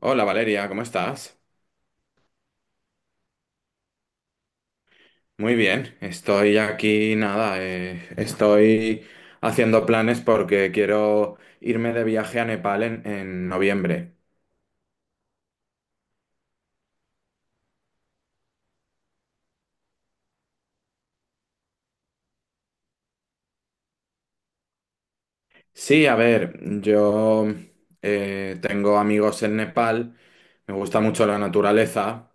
Hola Valeria, ¿cómo estás? Muy bien, estoy aquí, nada, estoy haciendo planes porque quiero irme de viaje a Nepal en noviembre. Sí, a ver, yo tengo amigos en Nepal, me gusta mucho la naturaleza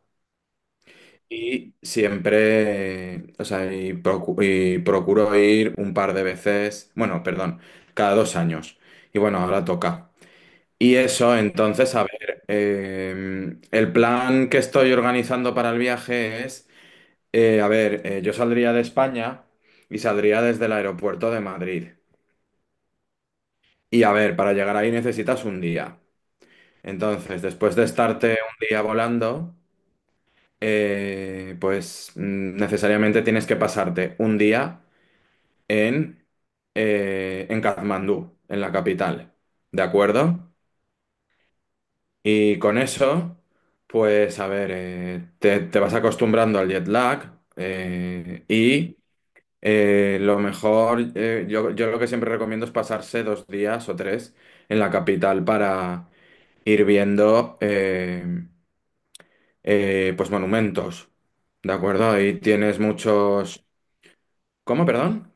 y siempre, y procuro ir un par de veces, bueno, perdón, cada 2 años. Y bueno, ahora toca. Y eso, entonces, a ver, el plan que estoy organizando para el viaje es, yo saldría de España y saldría desde el aeropuerto de Madrid. Y a ver, para llegar ahí necesitas un día. Entonces, después de estarte un día volando, pues necesariamente tienes que pasarte un día en, en Katmandú, en la capital. ¿De acuerdo? Y con eso, pues a ver, te vas acostumbrando al jet lag y lo mejor, yo lo que siempre recomiendo es pasarse dos días o tres en la capital para ir viendo pues monumentos, ¿de acuerdo? Ahí tienes muchos... ¿Cómo, perdón?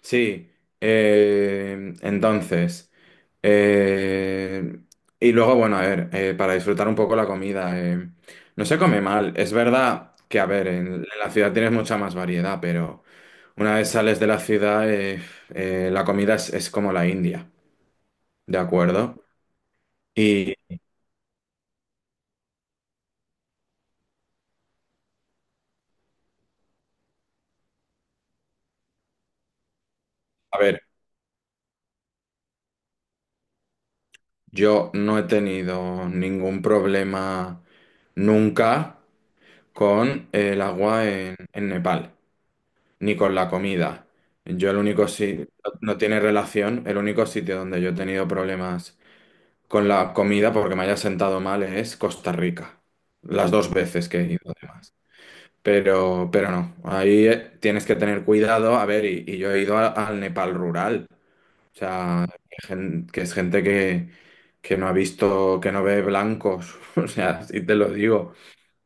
Sí, entonces, eh, y luego, bueno, a ver, para disfrutar un poco la comida, no se come mal. Es verdad que, a ver, en la ciudad tienes mucha más variedad, pero una vez sales de la ciudad, la es como la India, ¿de acuerdo? Y, a ver, yo no he tenido ningún problema nunca con el agua en Nepal. Ni con la comida. Yo el único sitio, no tiene relación, el único sitio donde yo he tenido problemas con la comida porque me haya sentado mal es Costa Rica. Las dos veces que he ido además. Pero no, ahí tienes que tener cuidado. A ver, y yo he ido al Nepal rural. O sea, que es gente que no ha visto, que no ve blancos. O sea, si te lo digo.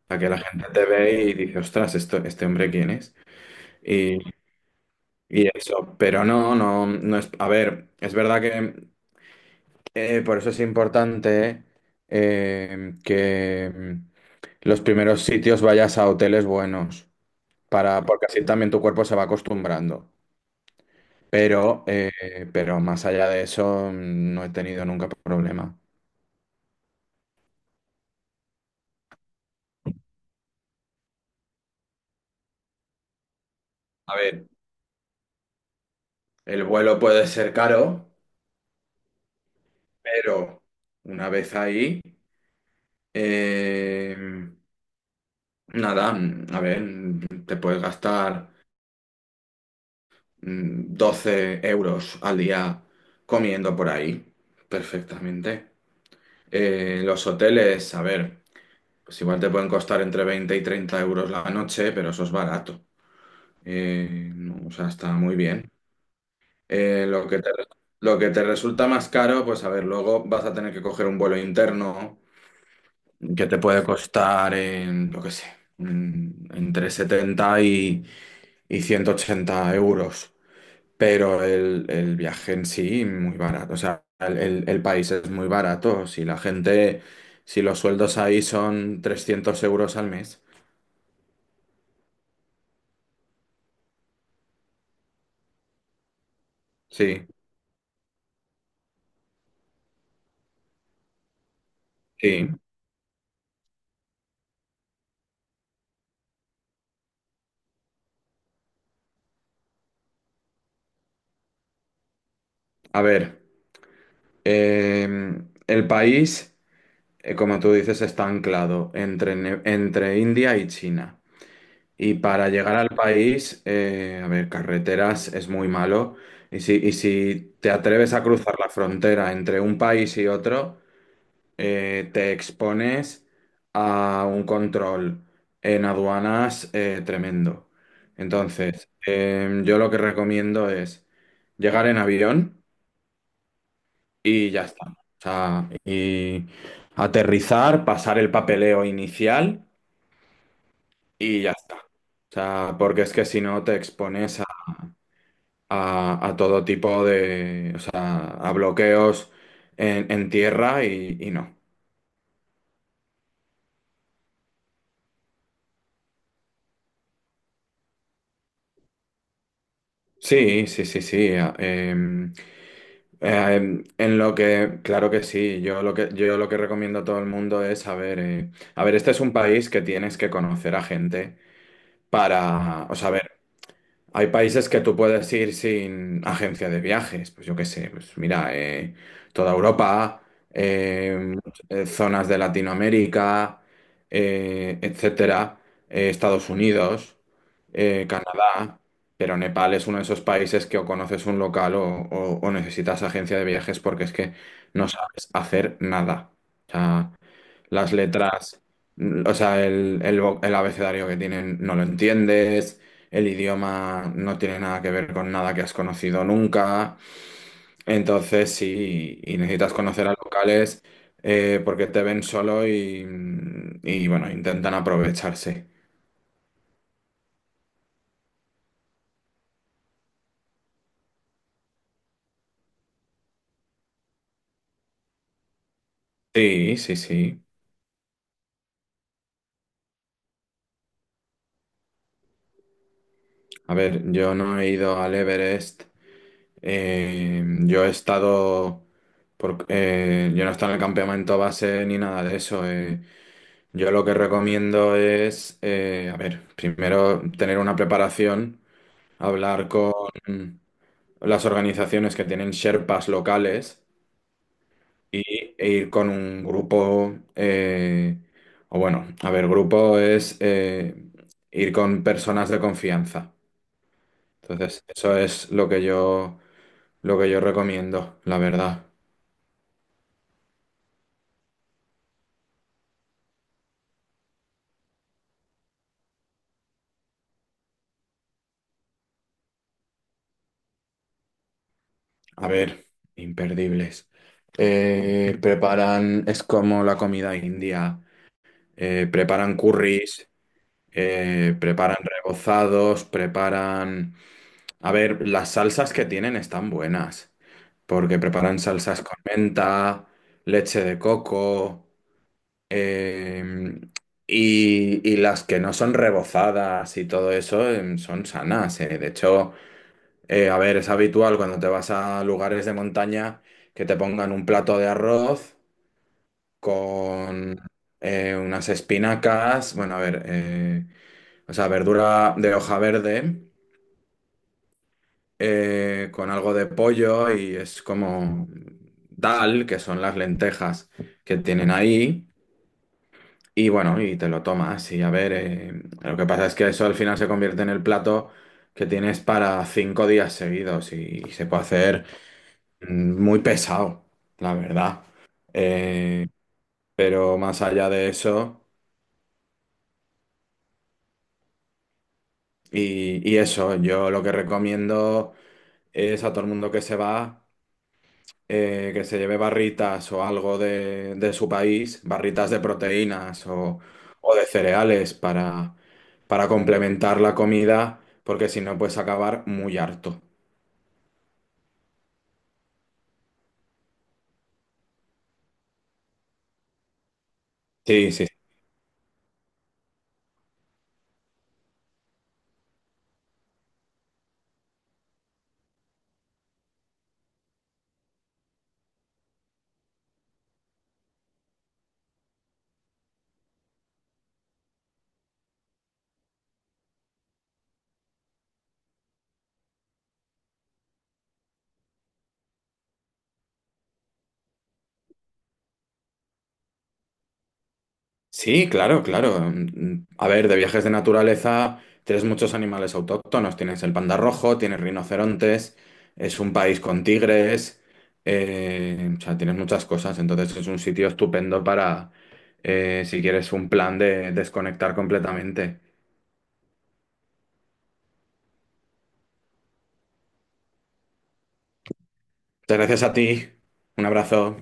A que la gente te ve y dice, ostras, esto, ¿este hombre quién es? Y eso, pero no, no, no es. A ver, es verdad que por eso es importante eh, que mm, los primeros sitios vayas a hoteles buenos, para, porque así también tu cuerpo se va acostumbrando. Pero, pero más allá de eso, no he tenido nunca problema. A ver, el vuelo puede ser caro, pero una vez ahí, eh, nada, a ver, te puedes gastar. 12 € al día comiendo por ahí, perfectamente. Los hoteles, a ver, pues igual te pueden costar entre 20 y 30 € la noche, pero eso es barato. No, o sea, está muy bien. Eh, lo que te, lo que te resulta más caro, pues a ver, luego vas a tener que coger un vuelo interno que te puede costar en, lo que sé, entre 70 y 180 euros. Pero el viaje en sí, muy barato. O sea, el país es muy barato. Si la gente, si los sueldos ahí son 300 € al mes. Sí, sí. A ver, eh, el país, como tú dices, está anclado entre, entre India y China. Y para llegar al país, a ver, carreteras es muy malo. Y si te atreves a cruzar la frontera entre un país y otro... te expones a un control en aduanas tremendo. Entonces, yo lo que recomiendo es llegar en avión y ya está. O sea, y aterrizar, pasar el papeleo inicial y ya está. O sea, porque es que si no te expones a todo tipo de, o sea, a bloqueos en tierra y no. Sí, sí, sí, sí. eh, Eh, en lo que, claro que sí, yo lo que recomiendo a todo el mundo es, a ver, este es un país que tienes que conocer a gente para, o sea, a ver, hay países que tú puedes ir sin agencia de viajes, pues yo qué sé, pues mira, toda Europa, eh, zonas de Latinoamérica, etcétera, Estados Unidos, Canadá, pero Nepal es uno de esos países que o conoces un local o necesitas agencia de viajes porque es que no sabes hacer nada. O sea, las letras, o sea, el abecedario que tienen no lo entiendes, el idioma no tiene nada que ver con nada que has conocido nunca, entonces sí, y necesitas conocer a locales porque te ven solo y bueno, intentan aprovecharse. Sí, sí, sí. A ver, yo no he ido al Everest, yo he estado... yo no he estado en el campamento base ni nada de eso. Yo lo que recomiendo es, a ver, primero tener una preparación, hablar con las organizaciones que tienen Sherpas locales y, e ir con un grupo, o bueno, a ver, grupo es ir con personas de confianza. Entonces, eso es lo que yo recomiendo, la verdad. A ver, imperdibles. Preparan, es como la comida india. Preparan curries, preparan rebozados, preparan... A ver, las salsas que tienen están buenas, porque preparan salsas con menta, leche de coco, eh, y las que no son rebozadas y todo eso son sanas. De hecho, a ver, es habitual cuando te vas a lugares de montaña que te pongan un plato de arroz con unas espinacas, bueno, a ver, o sea, verdura de hoja verde con algo de pollo y es como dal, que son las lentejas que tienen ahí. Y bueno, y te lo tomas y a ver, lo que pasa es que eso al final se convierte en el plato que tienes para 5 días seguidos y, se puede hacer muy pesado, la verdad. Eh, pero más allá de eso, y eso, yo lo que recomiendo es a todo el mundo que se va. Que se lleve barritas o algo de su país, barritas de proteínas o de cereales para complementar la comida, porque si no puedes acabar muy harto. Sí, sí. Sí, claro, claro. A ver, de viajes de naturaleza tienes muchos animales autóctonos. Tienes el panda rojo, tienes rinocerontes, es un país con tigres, o sea, tienes muchas cosas. Entonces es un sitio estupendo para, si quieres, un plan de desconectar completamente. Muchas gracias a ti. Un abrazo.